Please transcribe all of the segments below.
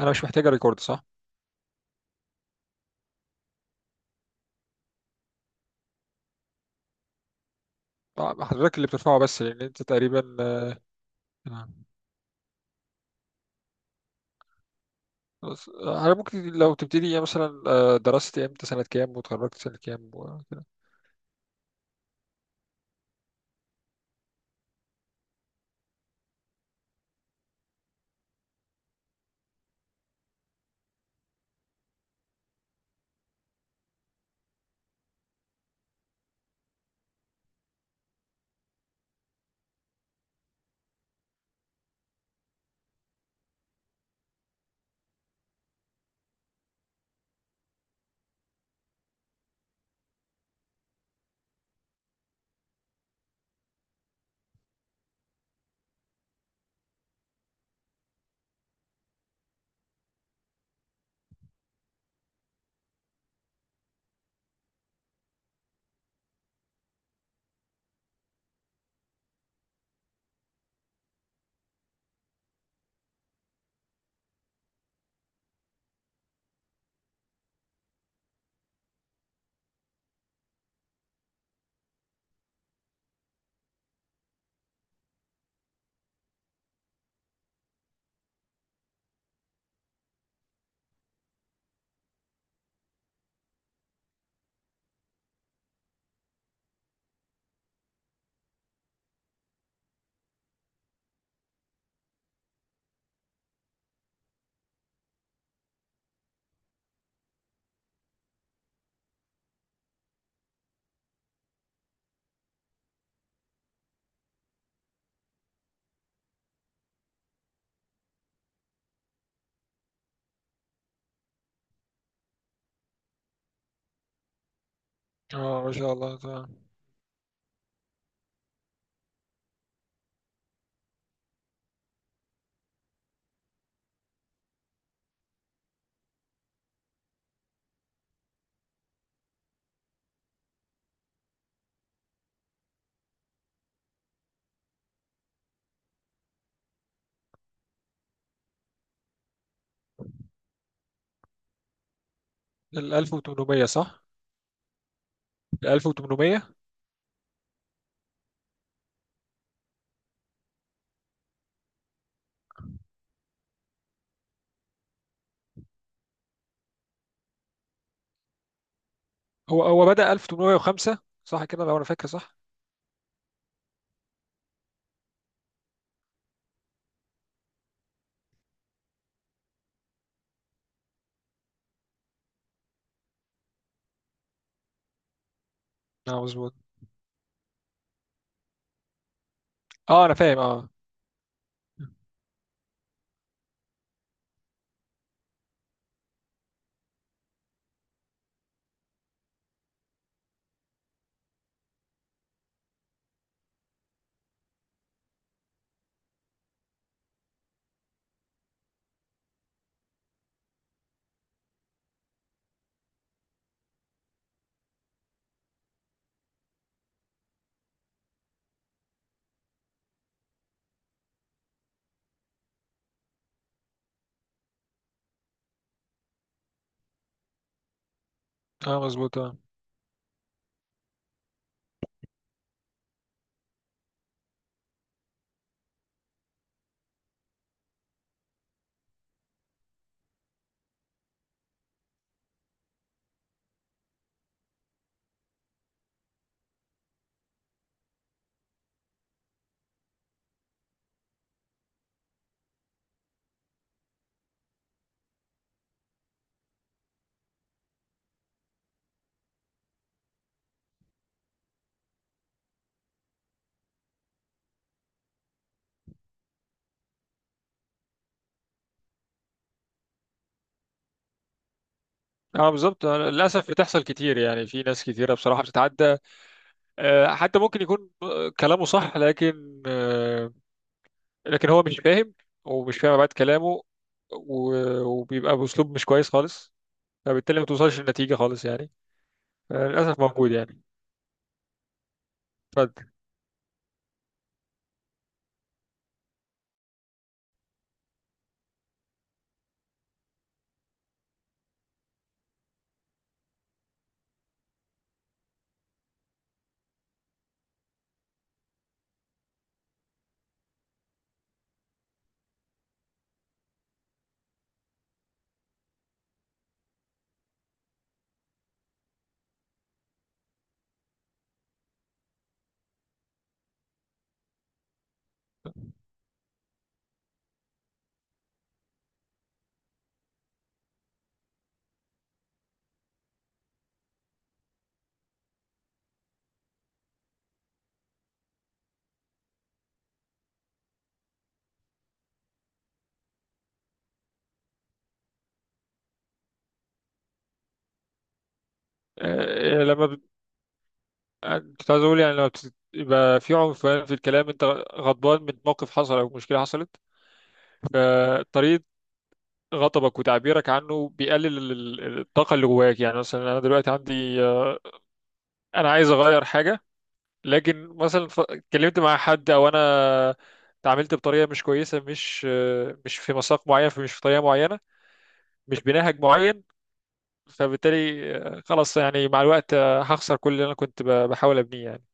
انا مش محتاجه ريكورد، صح؟ حضرتك اللي بترفعه، بس لان انت تقريبا تمام. خلاص. انا ممكن لو تبتدي، يعني مثلا درست امتى، سنه كام، وتخرجت سنه كام، وكده. اه، ما شاء الله، تمام. ال 1800، صح؟ ال 1800. هو بدأ 1805، صح كده لو انا فاكر، صح؟ اه، مظبوط. اه، انا فاهم، اه. اه، مظبوط، اه. اه، بالظبط. للاسف بتحصل كتير، يعني في ناس كتيره بصراحه بتتعدى. حتى ممكن يكون كلامه صح، لكن لكن هو مش فاهم، ومش فاهم بعد كلامه، و... وبيبقى بأسلوب مش كويس خالص، فبالتالي ما توصلش لنتيجة خالص، يعني. للأسف موجود، يعني. اتفضل. آه، لما بت- كنت عايز أقول، يعني يبقى في عنف في الكلام. أنت غضبان من موقف حصل أو مشكلة حصلت، فطريقة غضبك وتعبيرك عنه بيقلل الطاقة اللي جواك. يعني مثلا أنا دلوقتي عندي، أنا عايز أغير حاجة، لكن مثلا اتكلمت مع حد، او انا اتعاملت بطريقه مش كويسه، مش في مساق معين، مش في طريقه معينه، مش بنهج معين. فبالتالي خلاص، يعني مع الوقت هخسر كل اللي انا كنت بحاول ابنيه، يعني.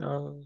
آه،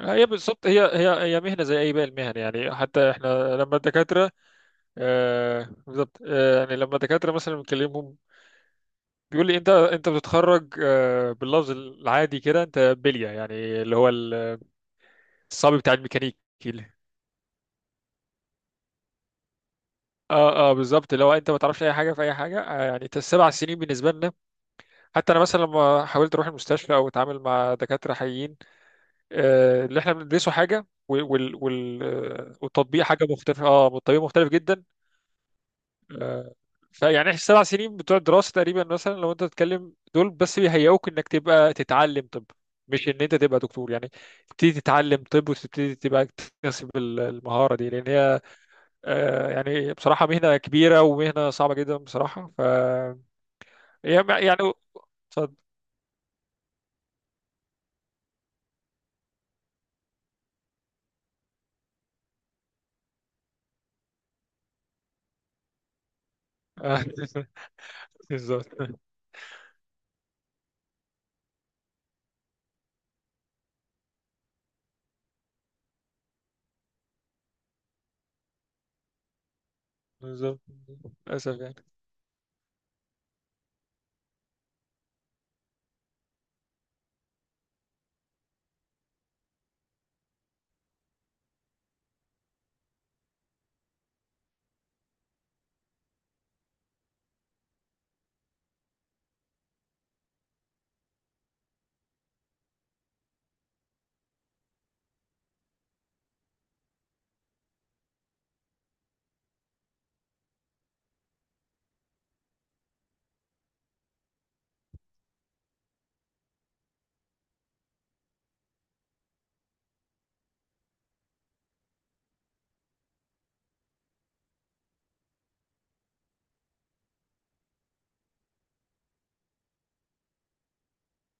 هي بالظبط، هي مهنه زي اي باقي المهن، يعني حتى احنا لما الدكاتره. بالظبط. يعني لما الدكاتره مثلا بنكلمهم، بيقول لي انت بتتخرج، باللفظ العادي كده انت بليه، يعني، اللي هو الصبي بتاع الميكانيك. اه، اه، بالظبط. لو انت ما تعرفش اي حاجه في اي حاجه، يعني أنت السبع سنين بالنسبه لنا، حتى انا مثلا لما حاولت اروح المستشفى او اتعامل مع دكاتره حقيقيين. اللي احنا بندرسه حاجه، والتطبيق حاجه مختلفه. اه، والتطبيق مختلف جدا. آه، فيعني احنا السبع سنين بتوع الدراسه تقريبا، مثلا لو انت تتكلم، دول بس بيهيئوك انك تبقى تتعلم طب، مش ان انت تبقى دكتور يعني. تبتدي تتعلم طب، وتبتدي تبقى تكتسب المهاره دي، لان هي يعني، بصراحة مهنة كبيرة ومهنة صعبة جدا بصراحة. يعني اتفضل. آه، بالظبط، بالظبط. للأسف، يعني.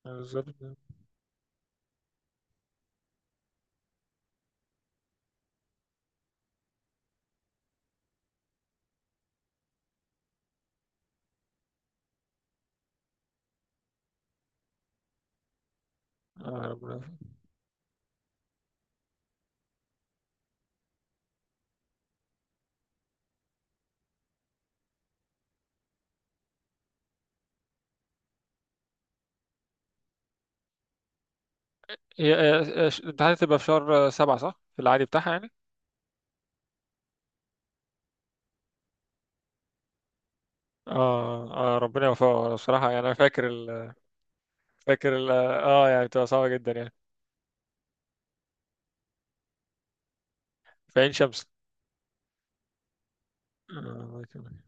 بالظبط. ربنا يوفقك. هي، الامتحانات تبقى في شهر سبعة، صح؟ في العادي بتاعها، يعني؟ اه، اه، ربنا يوفقه بصراحة. يعني أنا اه، يعني بتبقى صعبة جدا، يعني. في عين شمس. الله يكرمك.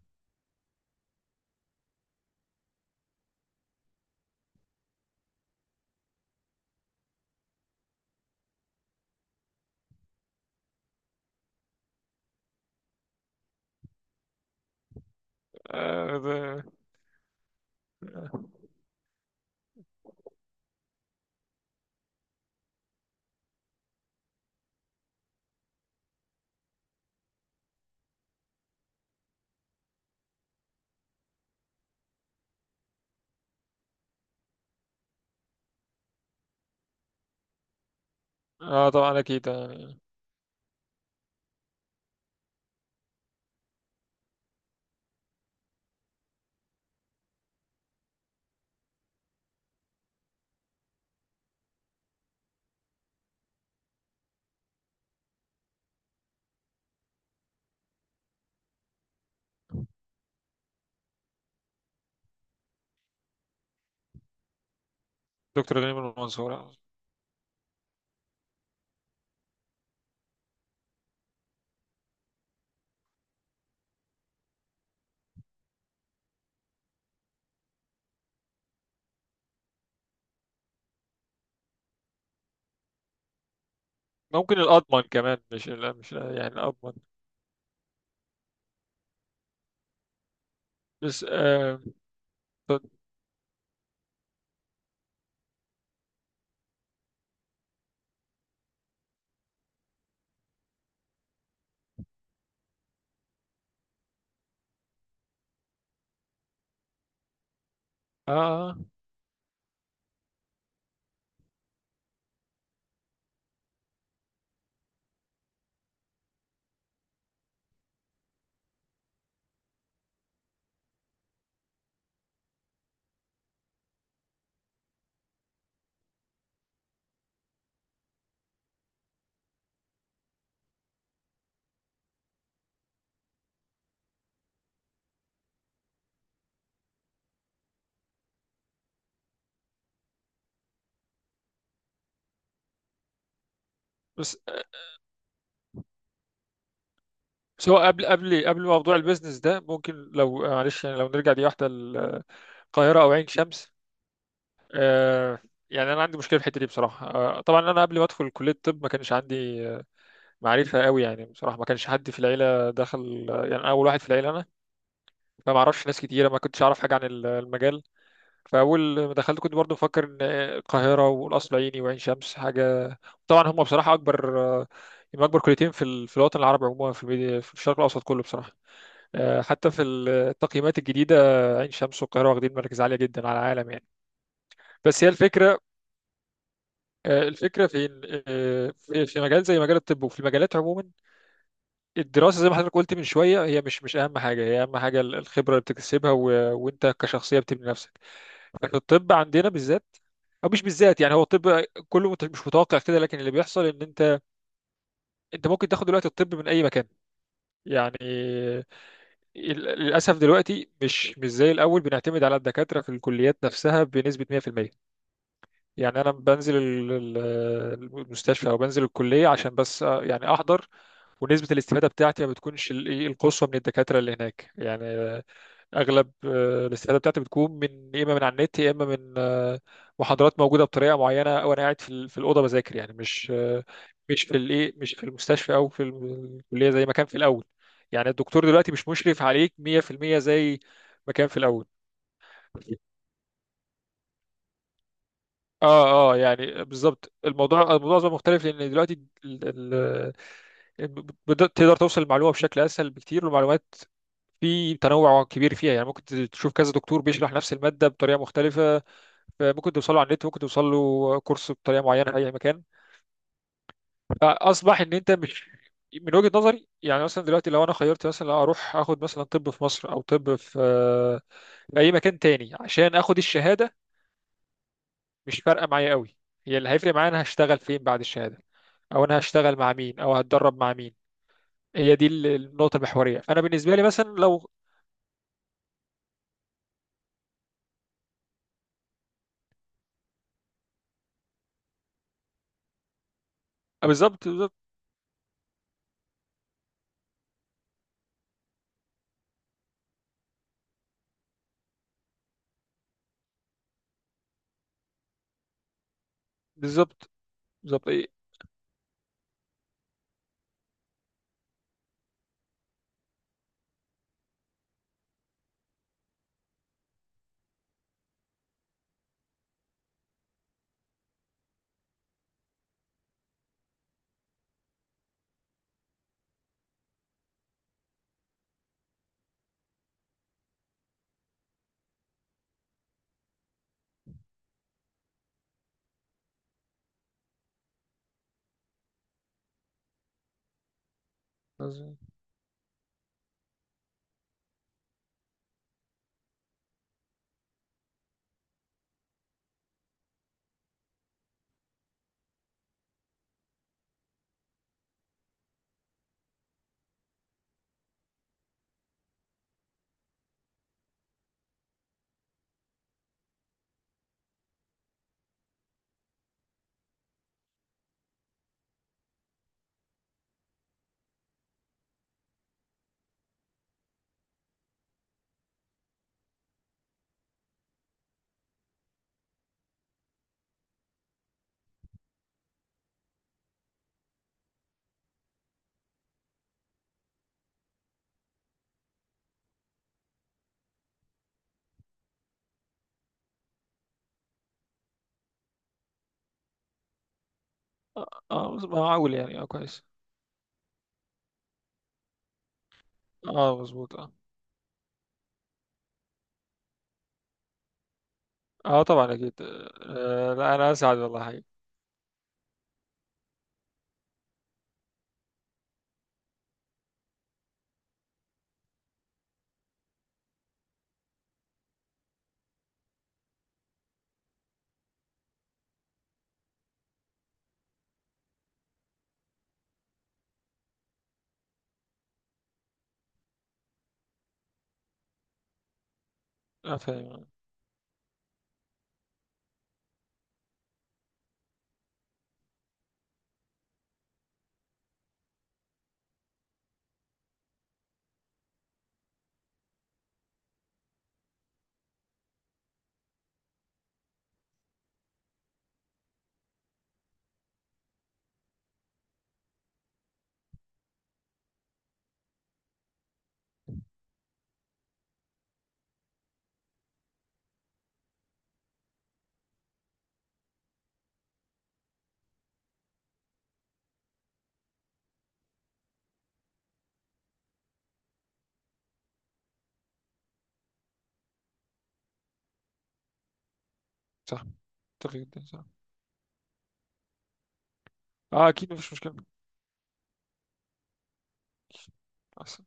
آه، ده- اه، طبعا اكيد. دكتور غنيم المنصور. ممكن الاضمن كمان، مش، لا، مش، لا، يعني الاضمن. بس طب- آه آه، بس بس هو قبل، موضوع البيزنس ده، ممكن لو معلش، يعني لو نرجع، دي واحدة، القاهرة أو عين شمس. آه. يعني أنا عندي مشكلة في الحتة دي بصراحة. طبعا أنا قبل ما أدخل كلية الطب ما كانش عندي معرفة قوي، يعني بصراحة ما كانش حد في العيلة دخل، يعني أنا أول واحد في العيلة. أنا فما أعرفش ناس كتيرة، ما كنتش أعرف حاجة عن المجال. فاول ما دخلت كنت برضو مفكر ان القاهره والقصر العيني وعين شمس حاجه. طبعا هم بصراحه اكبر. هم اكبر كليتين في الوطن العربي عموما، في الميديا، في الشرق الاوسط كله بصراحه. حتى في التقييمات الجديده، عين شمس والقاهره واخدين مراكز عاليه جدا على العالم، يعني. بس هي الفكره، الفكره في في في مجال زي مجال الطب، وفي المجالات عموما. الدراسه، زي ما حضرتك قلت من شويه، هي مش اهم حاجه. هي اهم حاجه الخبره اللي بتكتسبها، وانت كشخصيه بتبني نفسك. في الطب عندنا بالذات، او مش بالذات، يعني هو الطب كله مش متوقع كده. لكن اللي بيحصل ان انت ممكن تاخد دلوقتي الطب من اي مكان. يعني ال- للاسف دلوقتي مش زي الاول بنعتمد على الدكاتره في الكليات نفسها بنسبه 100%. يعني انا بنزل المستشفى، او بنزل الكليه عشان بس، يعني احضر. ونسبه الاستفاده بتاعتي ما بتكونش ال- إيه، القصوى من الدكاتره اللي هناك، يعني. اغلب الاستفاده بتاعتي بتكون من، يا اما من على النت، يا اما من محاضرات موجوده بطريقه معينه، او انا قاعد في الاوضه بذاكر، يعني مش مش في الايه مش في المستشفى، او الكليه زي ما كان في الاول. يعني الدكتور دلوقتي مش مشرف عليك 100% زي ما كان في الاول. اه، اه، يعني بالظبط. الموضوع أصبح مختلف، لان دلوقتي ال- تقدر توصل المعلومه بشكل اسهل بكتير. والمعلومات في تنوع كبير فيها، يعني ممكن تشوف كذا دكتور بيشرح نفس الماده بطريقه مختلفه، ممكن توصله على النت، ممكن توصله كورس بطريقه معينه في اي مكان. فاصبح ان انت مش، من وجهه نظري، يعني مثلا دلوقتي لو انا خيرت، مثلا لو اروح اخد مثلا طب في مصر او طب في اي مكان تاني عشان اخد الشهاده، مش فارقه معايا قوي. هي اللي هيفرق معايا، انا هشتغل فين بعد الشهاده، او انا هشتغل مع مين، او هتدرب مع مين. هي دي النقطه المحوريه، فانا بالنسبه لي مثلا لو، بالظبط، بالظبط، بالظبط، بالظبط، ايه. اه، ما اقول يعني، اه كويس. اه، مظبوط، اه. اه، طبعا اكيد. لا، انا اسعد والله حقيقي. اه، فاهم. صح. اتفق جدا، صح. اه، اكيد مفيش مشكله.